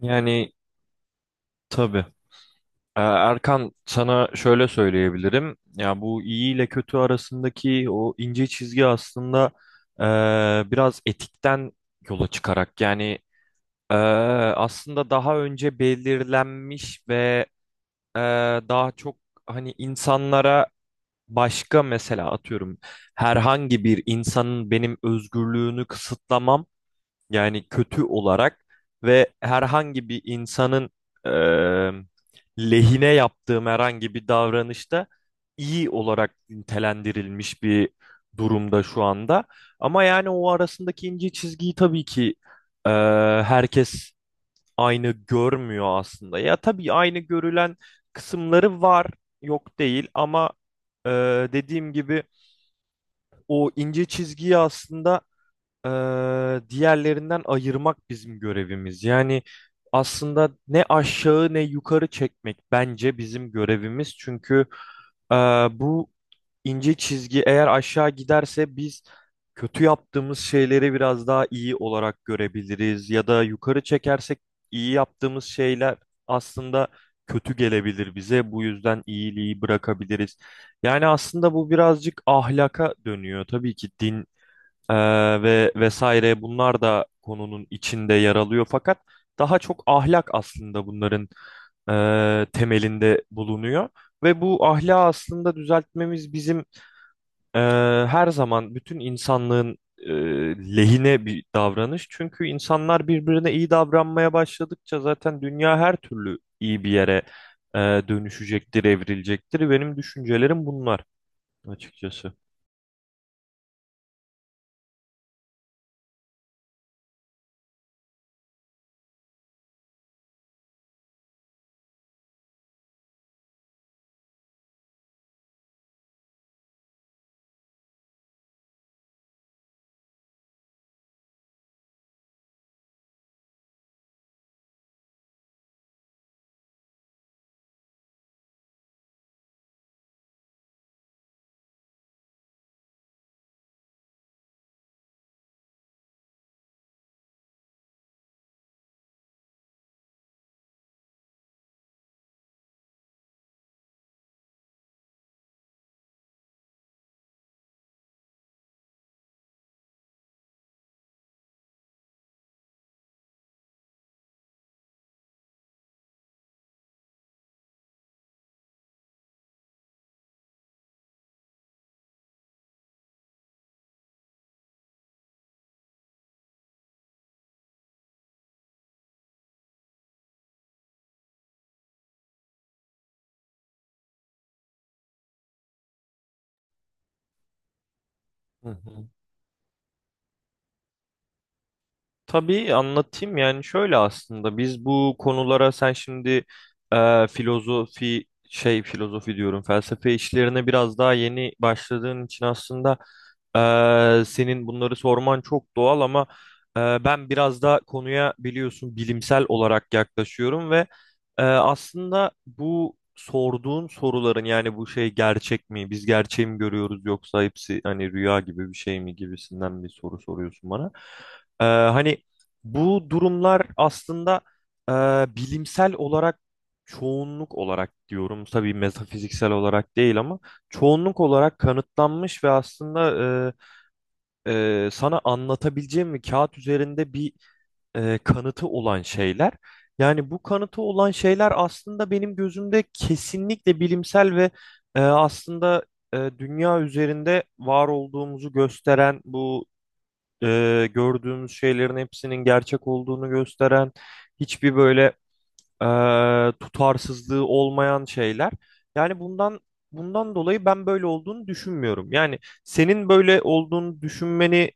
Yani tabii. Erkan sana şöyle söyleyebilirim. Ya bu iyi ile kötü arasındaki o ince çizgi aslında biraz etikten yola çıkarak yani eee, aslında daha önce belirlenmiş ve eee, daha çok hani insanlara başka, mesela atıyorum, herhangi bir insanın benim özgürlüğünü kısıtlamam yani kötü olarak ve herhangi bir insanın eee, lehine yaptığım herhangi bir davranışta iyi olarak nitelendirilmiş bir durumda şu anda. Ama yani o arasındaki ince çizgiyi tabii ki eee, herkes aynı görmüyor aslında. Ya tabii aynı görülen kısımları var, yok değil ama dediğim gibi o ince çizgiyi aslında diğerlerinden ayırmak bizim görevimiz. Yani aslında ne aşağı ne yukarı çekmek bence bizim görevimiz. Çünkü eee, bu ince çizgi eğer aşağı giderse biz kötü yaptığımız şeyleri biraz daha iyi olarak görebiliriz. Ya da yukarı çekersek iyi yaptığımız şeyler aslında kötü gelebilir bize. Bu yüzden iyiliği bırakabiliriz. Yani aslında bu birazcık ahlaka dönüyor. Tabii ki din ee, ve vesaire bunlar da konunun içinde yer alıyor fakat daha çok ahlak aslında bunların temelinde bulunuyor ve bu ahlakı aslında düzeltmemiz bizim e, her zaman bütün insanlığın lehine bir davranış. Çünkü insanlar birbirine iyi davranmaya başladıkça zaten dünya her türlü iyi bir yere dönüşecektir, evrilecektir. Benim düşüncelerim bunlar açıkçası. Hı hı. Tabii anlatayım. Yani şöyle, aslında biz bu konulara, sen şimdi filozofi şey filozofi diyorum, felsefe işlerine biraz daha yeni başladığın için aslında senin bunları sorman çok doğal, ama ben biraz da konuya biliyorsun bilimsel olarak yaklaşıyorum ve aslında bu sorduğun soruların, yani bu şey, gerçek mi biz gerçeği mi görüyoruz yoksa hepsi hani rüya gibi bir şey mi gibisinden bir soru soruyorsun bana. Hani bu durumlar aslında e, bilimsel olarak, çoğunluk olarak diyorum tabii, metafiziksel olarak değil ama çoğunluk olarak kanıtlanmış ve aslında e, sana anlatabileceğim, bir kağıt üzerinde bir kanıtı olan şeyler. Yani bu kanıtı olan şeyler aslında benim gözümde kesinlikle bilimsel ve aslında dünya üzerinde var olduğumuzu gösteren, bu gördüğümüz şeylerin hepsinin gerçek olduğunu gösteren, hiçbir böyle tutarsızlığı olmayan şeyler. Yani bundan dolayı ben böyle olduğunu düşünmüyorum. Yani senin böyle olduğunu düşünmeni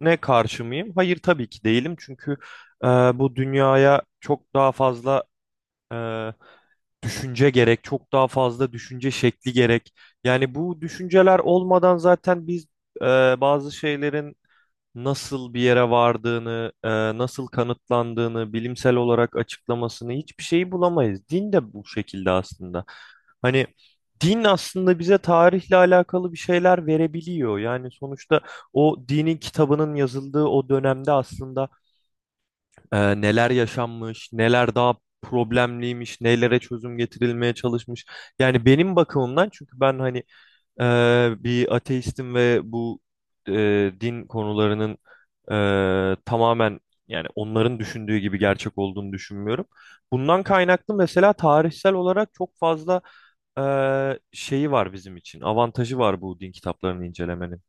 ne, karşı mıyım? Hayır, tabii ki değilim. Çünkü bu dünyaya çok daha fazla e, düşünce gerek, çok daha fazla düşünce şekli gerek. Yani bu düşünceler olmadan zaten biz e, bazı şeylerin nasıl bir yere vardığını, nasıl kanıtlandığını, bilimsel olarak açıklamasını, hiçbir şeyi bulamayız. Din de bu şekilde aslında. Hani din aslında bize tarihle alakalı bir şeyler verebiliyor. Yani sonuçta o dinin kitabının yazıldığı o dönemde aslında neler yaşanmış, neler daha problemliymiş, nelere çözüm getirilmeye çalışmış. Yani benim bakımımdan, çünkü ben hani bir ateistim ve bu din konularının tamamen, yani onların düşündüğü gibi gerçek olduğunu düşünmüyorum. Bundan kaynaklı mesela tarihsel olarak çok fazla şeyi var bizim için. Avantajı var bu din kitaplarını incelemenin.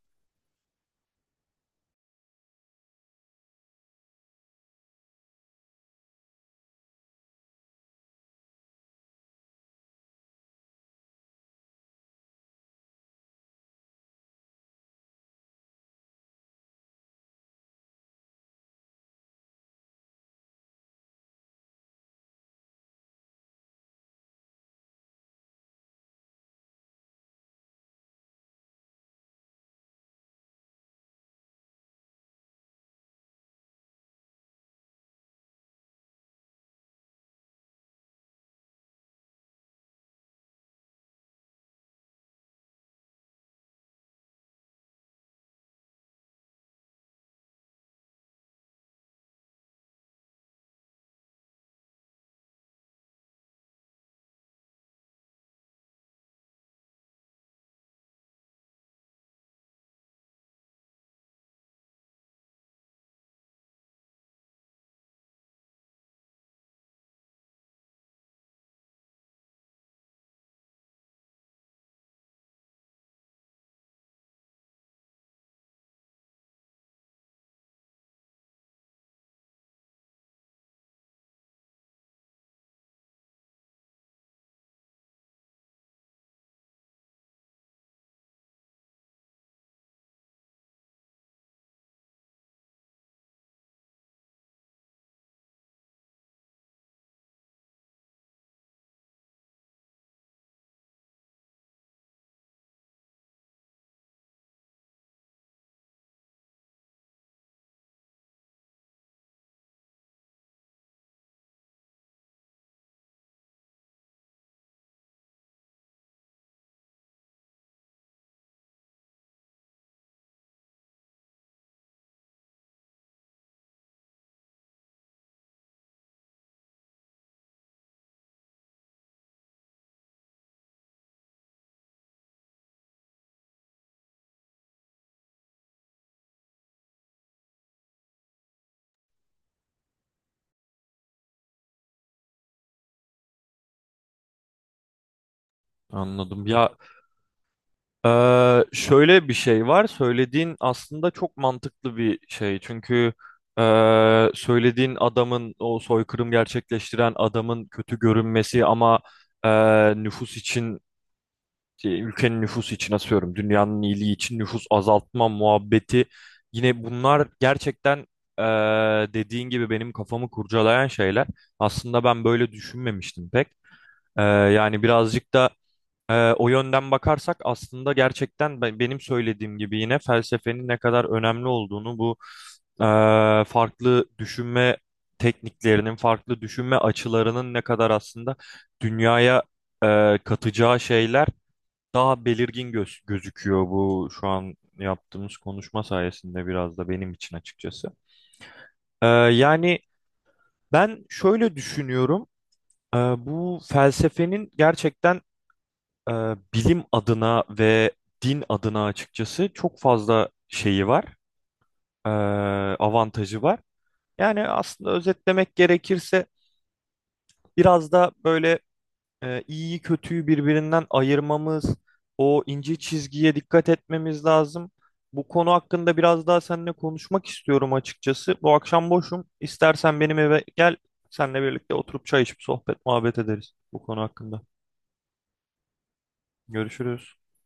Anladım. Ya, şöyle bir şey var. Söylediğin aslında çok mantıklı bir şey. Çünkü söylediğin adamın, o soykırım gerçekleştiren adamın kötü görünmesi ama ee, nüfus için, ülkenin nüfusu için, asıyorum dünyanın iyiliği için nüfus azaltma muhabbeti, yine bunlar gerçekten ee, dediğin gibi benim kafamı kurcalayan şeyler. Aslında ben böyle düşünmemiştim pek. Yani birazcık da o yönden bakarsak aslında gerçekten benim söylediğim gibi yine felsefenin ne kadar önemli olduğunu, bu e, farklı düşünme tekniklerinin, farklı düşünme açılarının ne kadar aslında dünyaya katacağı şeyler daha belirgin gözüküyor. Bu şu an yaptığımız konuşma sayesinde biraz da benim için açıkçası. Yani ben şöyle düşünüyorum. Ee, Bu felsefenin gerçekten e, bilim adına ve din adına açıkçası çok fazla şeyi var, e, avantajı var. Yani aslında özetlemek gerekirse biraz da böyle iyiyi kötüyü birbirinden ayırmamız, o ince çizgiye dikkat etmemiz lazım. Bu konu hakkında biraz daha seninle konuşmak istiyorum açıkçası. Bu akşam boşum. İstersen benim eve gel, seninle birlikte oturup çay içip sohbet muhabbet ederiz bu konu hakkında. Görüşürüz.